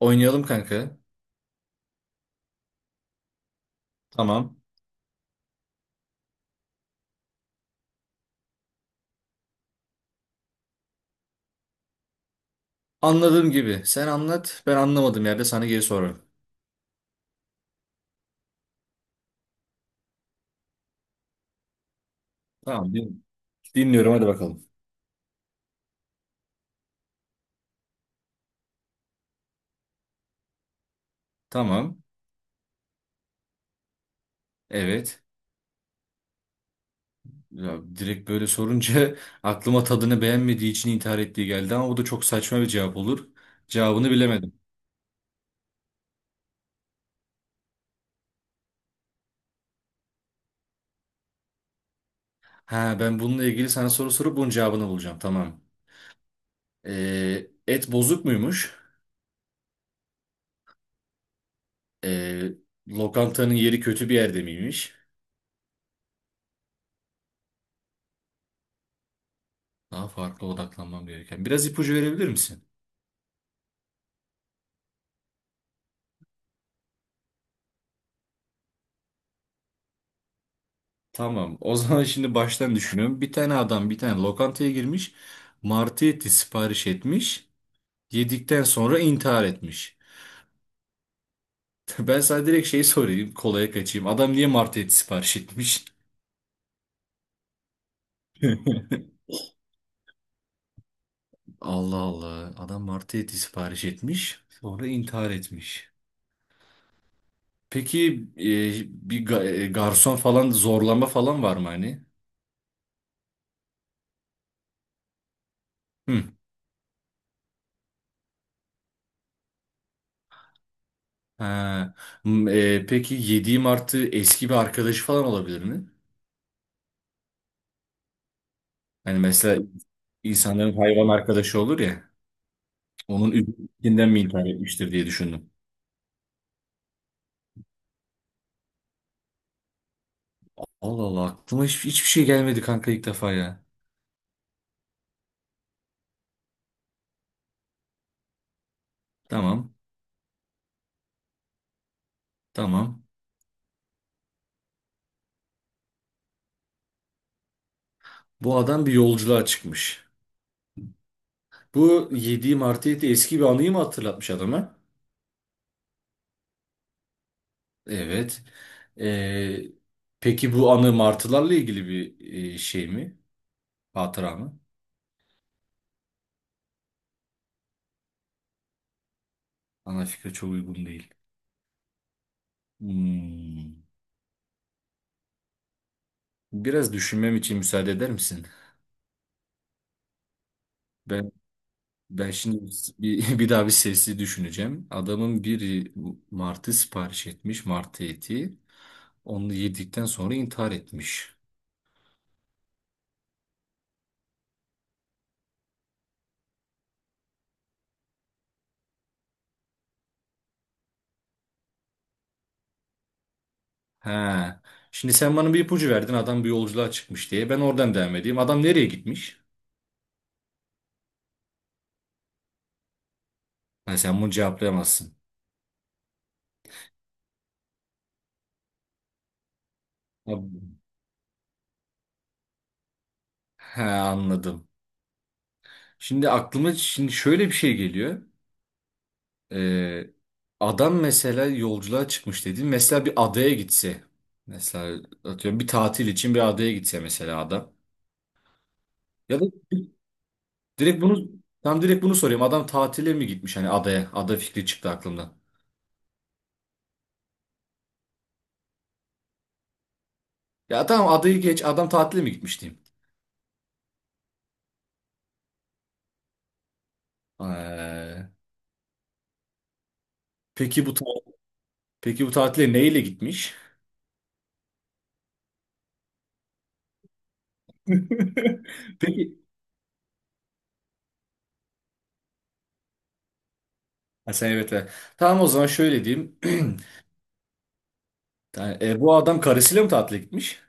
Oynayalım kanka. Tamam. Anladığım gibi. Sen anlat. Ben anlamadığım yerde sana geri sorarım. Tamam. Dinliyorum. Hadi bakalım. Tamam. Evet. Ya, direkt böyle sorunca aklıma tadını beğenmediği için intihar ettiği geldi ama bu da çok saçma bir cevap olur. Cevabını bilemedim. Ha, ben bununla ilgili sana soru sorup bunun cevabını bulacağım. Tamam. Et bozuk muymuş? Ee, Lokantanın yeri kötü bir yerde miymiş? Daha farklı odaklanmam gereken. Biraz ipucu verebilir misin? Tamam. O zaman şimdi baştan düşünüyorum. Bir tane adam bir tane lokantaya girmiş. Martı eti sipariş etmiş. Yedikten sonra intihar etmiş. Ben sana direkt şey sorayım. Kolaya kaçayım. Adam niye martı eti sipariş etmiş? Allah Allah. Adam martı eti sipariş etmiş. Sonra intihar etmiş. Peki e, bir garson falan zorlama falan var mı hani? Hı. Ha. Peki yediği martı eski bir arkadaşı falan olabilir mi? Hani mesela İnsanların hayvan arkadaşı olur ya. Onun üzüntüsünden mi intihar etmiştir diye düşündüm. Allah Allah, aklıma hiç, hiçbir şey gelmedi kanka ilk defa ya. Tamam tamam. Bu adam bir yolculuğa çıkmış. Bu yediğim artı eti eski bir anıyı mı hatırlatmış adama? Evet. Ee, peki bu anı martılarla ilgili bir şey mi? Hatıra mı? Ana fikre çok uygun değil. Hmm. Biraz düşünmem için müsaade eder misin? Ben Ben şimdi bir, bir daha bir sesi düşüneceğim. Adamın biri martı sipariş etmiş, martı eti. Onu yedikten sonra intihar etmiş. He. Şimdi sen bana bir ipucu verdin. Adam bir yolculuğa çıkmış diye. Ben oradan devam edeyim. Adam nereye gitmiş? Ha, sen bunu cevaplayamazsın. Abi- He, anladım. Şimdi aklıma şöyle bir şey geliyor. Ee, Adam mesela yolculuğa çıkmış dedi. Mesela bir adaya gitse. Mesela atıyorum bir tatil için bir adaya gitse mesela adam. Ya da direkt bunu tam direkt bunu soruyorum. Adam tatile mi gitmiş hani adaya? Ada fikri çıktı aklımdan. Ya tamam adayı geç. Adam tatile mi gitmiş diyeyim. Ee, peki peki bu tatile neyle gitmiş? Peki. Ha, sen evet. Evet. Tamam o zaman şöyle diyeyim. Bu adam karısıyla mı tatile gitmiş?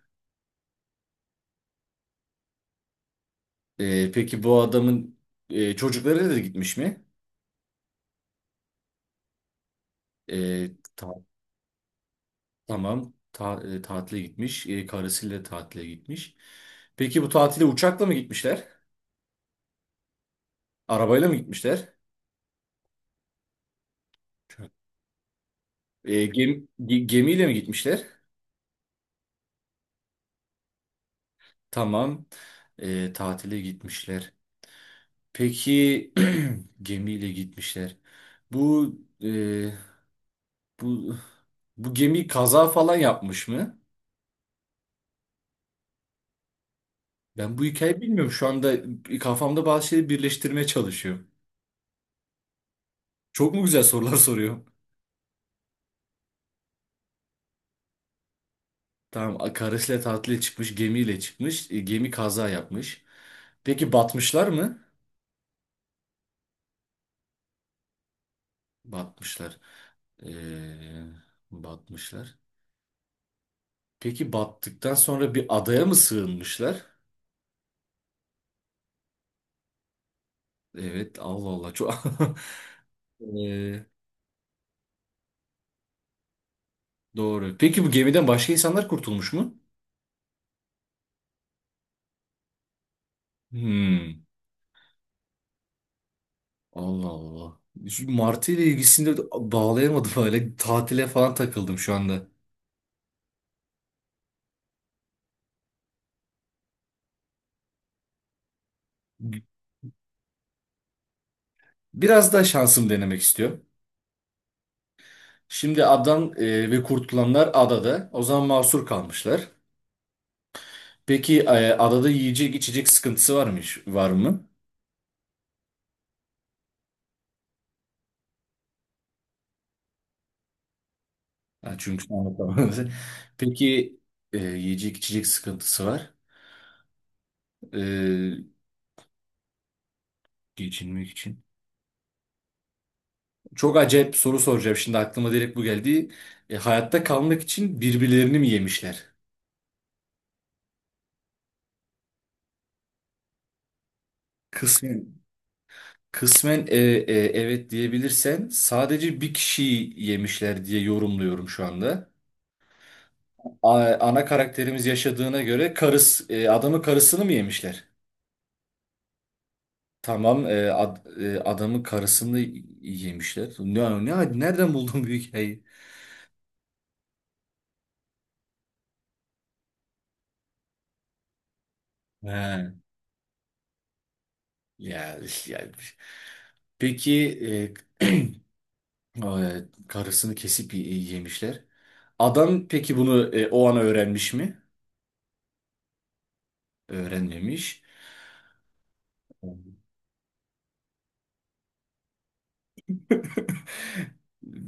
E, peki bu adamın çocukları da gitmiş mi? E, ta- tamam. Tatile gitmiş. E, karısıyla tatile gitmiş. Peki bu tatile uçakla mı gitmişler? Arabayla mı gitmişler? Gemiyle mi gitmişler? Tamam. E, tatile gitmişler. Peki gemiyle gitmişler. Bu e, bu bu gemi kaza falan yapmış mı? Ben bu hikayeyi bilmiyorum. Şu anda kafamda bazı şeyleri birleştirmeye çalışıyorum. Çok mu güzel sorular soruyorum? Tamam, karısıyla tatile çıkmış, gemiyle çıkmış. E, gemi kaza yapmış. Peki batmışlar mı? Batmışlar. E, batmışlar. Peki battıktan sonra bir adaya mı sığınmışlar? Evet, Allah Allah. Çok... Ee, doğru. Peki bu gemiden başka insanlar kurtulmuş mu? Hmm. Allah Allah. Şu Martı ile ilgisini de bağlayamadım öyle. Tatile falan takıldım şu anda. Biraz daha şansım denemek istiyorum. Şimdi adam e, ve kurtulanlar adada. O zaman mahsur kalmışlar. Peki adada yiyecek içecek var mı? Ha, çünkü sen anlatamadın. Peki yiyecek içecek sıkıntısı var. E, geçinmek için. Çok acayip soru soracağım. Şimdi aklıma direkt bu geldi. Hayatta kalmak için birbirlerini mi yemişler? Kısmen, kısmen evet diyebilirsen sadece bir kişiyi yemişler diye yorumluyorum şu anda. Ana karakterimiz yaşadığına göre adamın karısını mı yemişler? Tamam, adamın karısını yemişler. Nereden buldun bu hikayeyi? Ha, ya, ya. Peki e, karısını kesip yemişler. Adam peki bunu o ana öğrenmiş mi? Öğrenmemiş.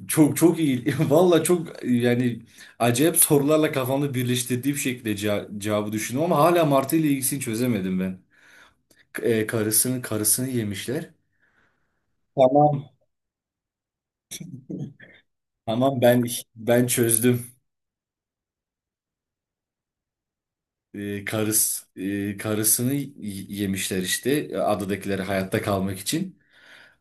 Çok çok iyi. Valla çok yani acayip sorularla kafamda birleştirdiğim şekilde cevabı düşündüm ama hala Martı ile ilgisini çözemedim ben. Karısını yemişler. Tamam. Tamam ben çözdüm. Karısını yemişler işte adadakileri hayatta kalmak için.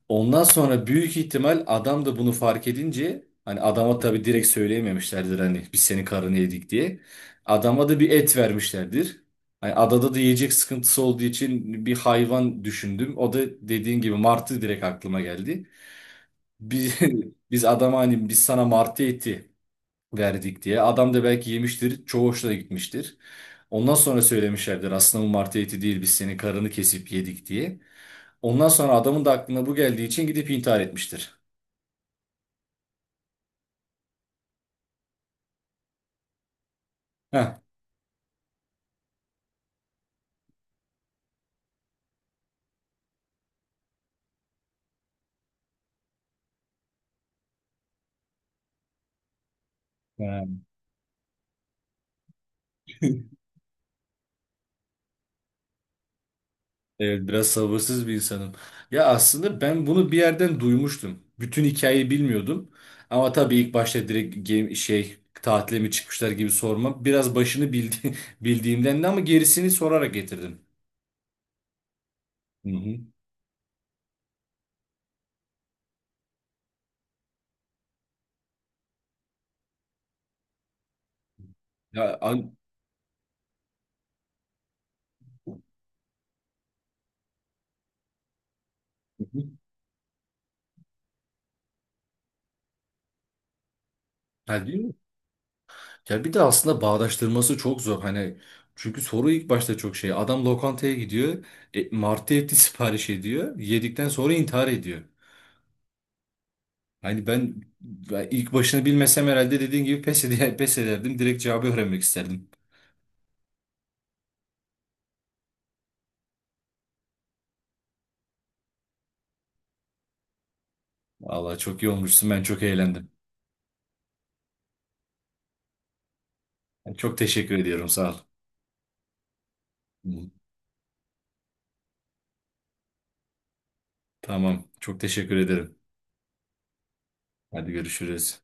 Ondan sonra büyük ihtimal adam da bunu fark edince hani adama tabii direkt söyleyememişlerdir hani biz senin karını yedik diye. Adama da bir et vermişlerdir. Hani adada da yiyecek sıkıntısı olduğu için bir hayvan düşündüm. O da dediğin gibi martı direkt aklıma geldi. Biz, biz adama hani biz sana martı eti verdik diye. Adam da belki yemiştir. Çoğu hoşuna gitmiştir. Ondan sonra söylemişlerdir aslında bu martı eti değil biz senin karını kesip yedik diye. Ondan sonra adamın da aklına bu geldiği için gidip intihar etmiştir. Heh. Ha. Evet biraz sabırsız bir insanım. Ya aslında ben bunu bir yerden duymuştum. Bütün hikayeyi bilmiyordum. Ama tabii ilk başta direkt game, şey tatile mi çıkmışlar gibi sorma. Biraz başını bildi, bildiğimden de ama gerisini sorarak getirdim. Hı hı. Ya, an- Hı hı. Ha, değil mi? Ya bir de aslında bağdaştırması çok zor. Hani çünkü soru ilk başta çok şey. Adam lokantaya gidiyor. E, martı eti sipariş ediyor. Yedikten sonra intihar ediyor. Hani ben ilk başını bilmesem herhalde dediğin gibi pes, pes ederdim. Direkt cevabı öğrenmek isterdim. Vallahi çok iyi olmuşsun. Ben çok eğlendim. Çok teşekkür ediyorum. Sağ ol. Hı. Tamam. Çok teşekkür ederim. Hadi görüşürüz.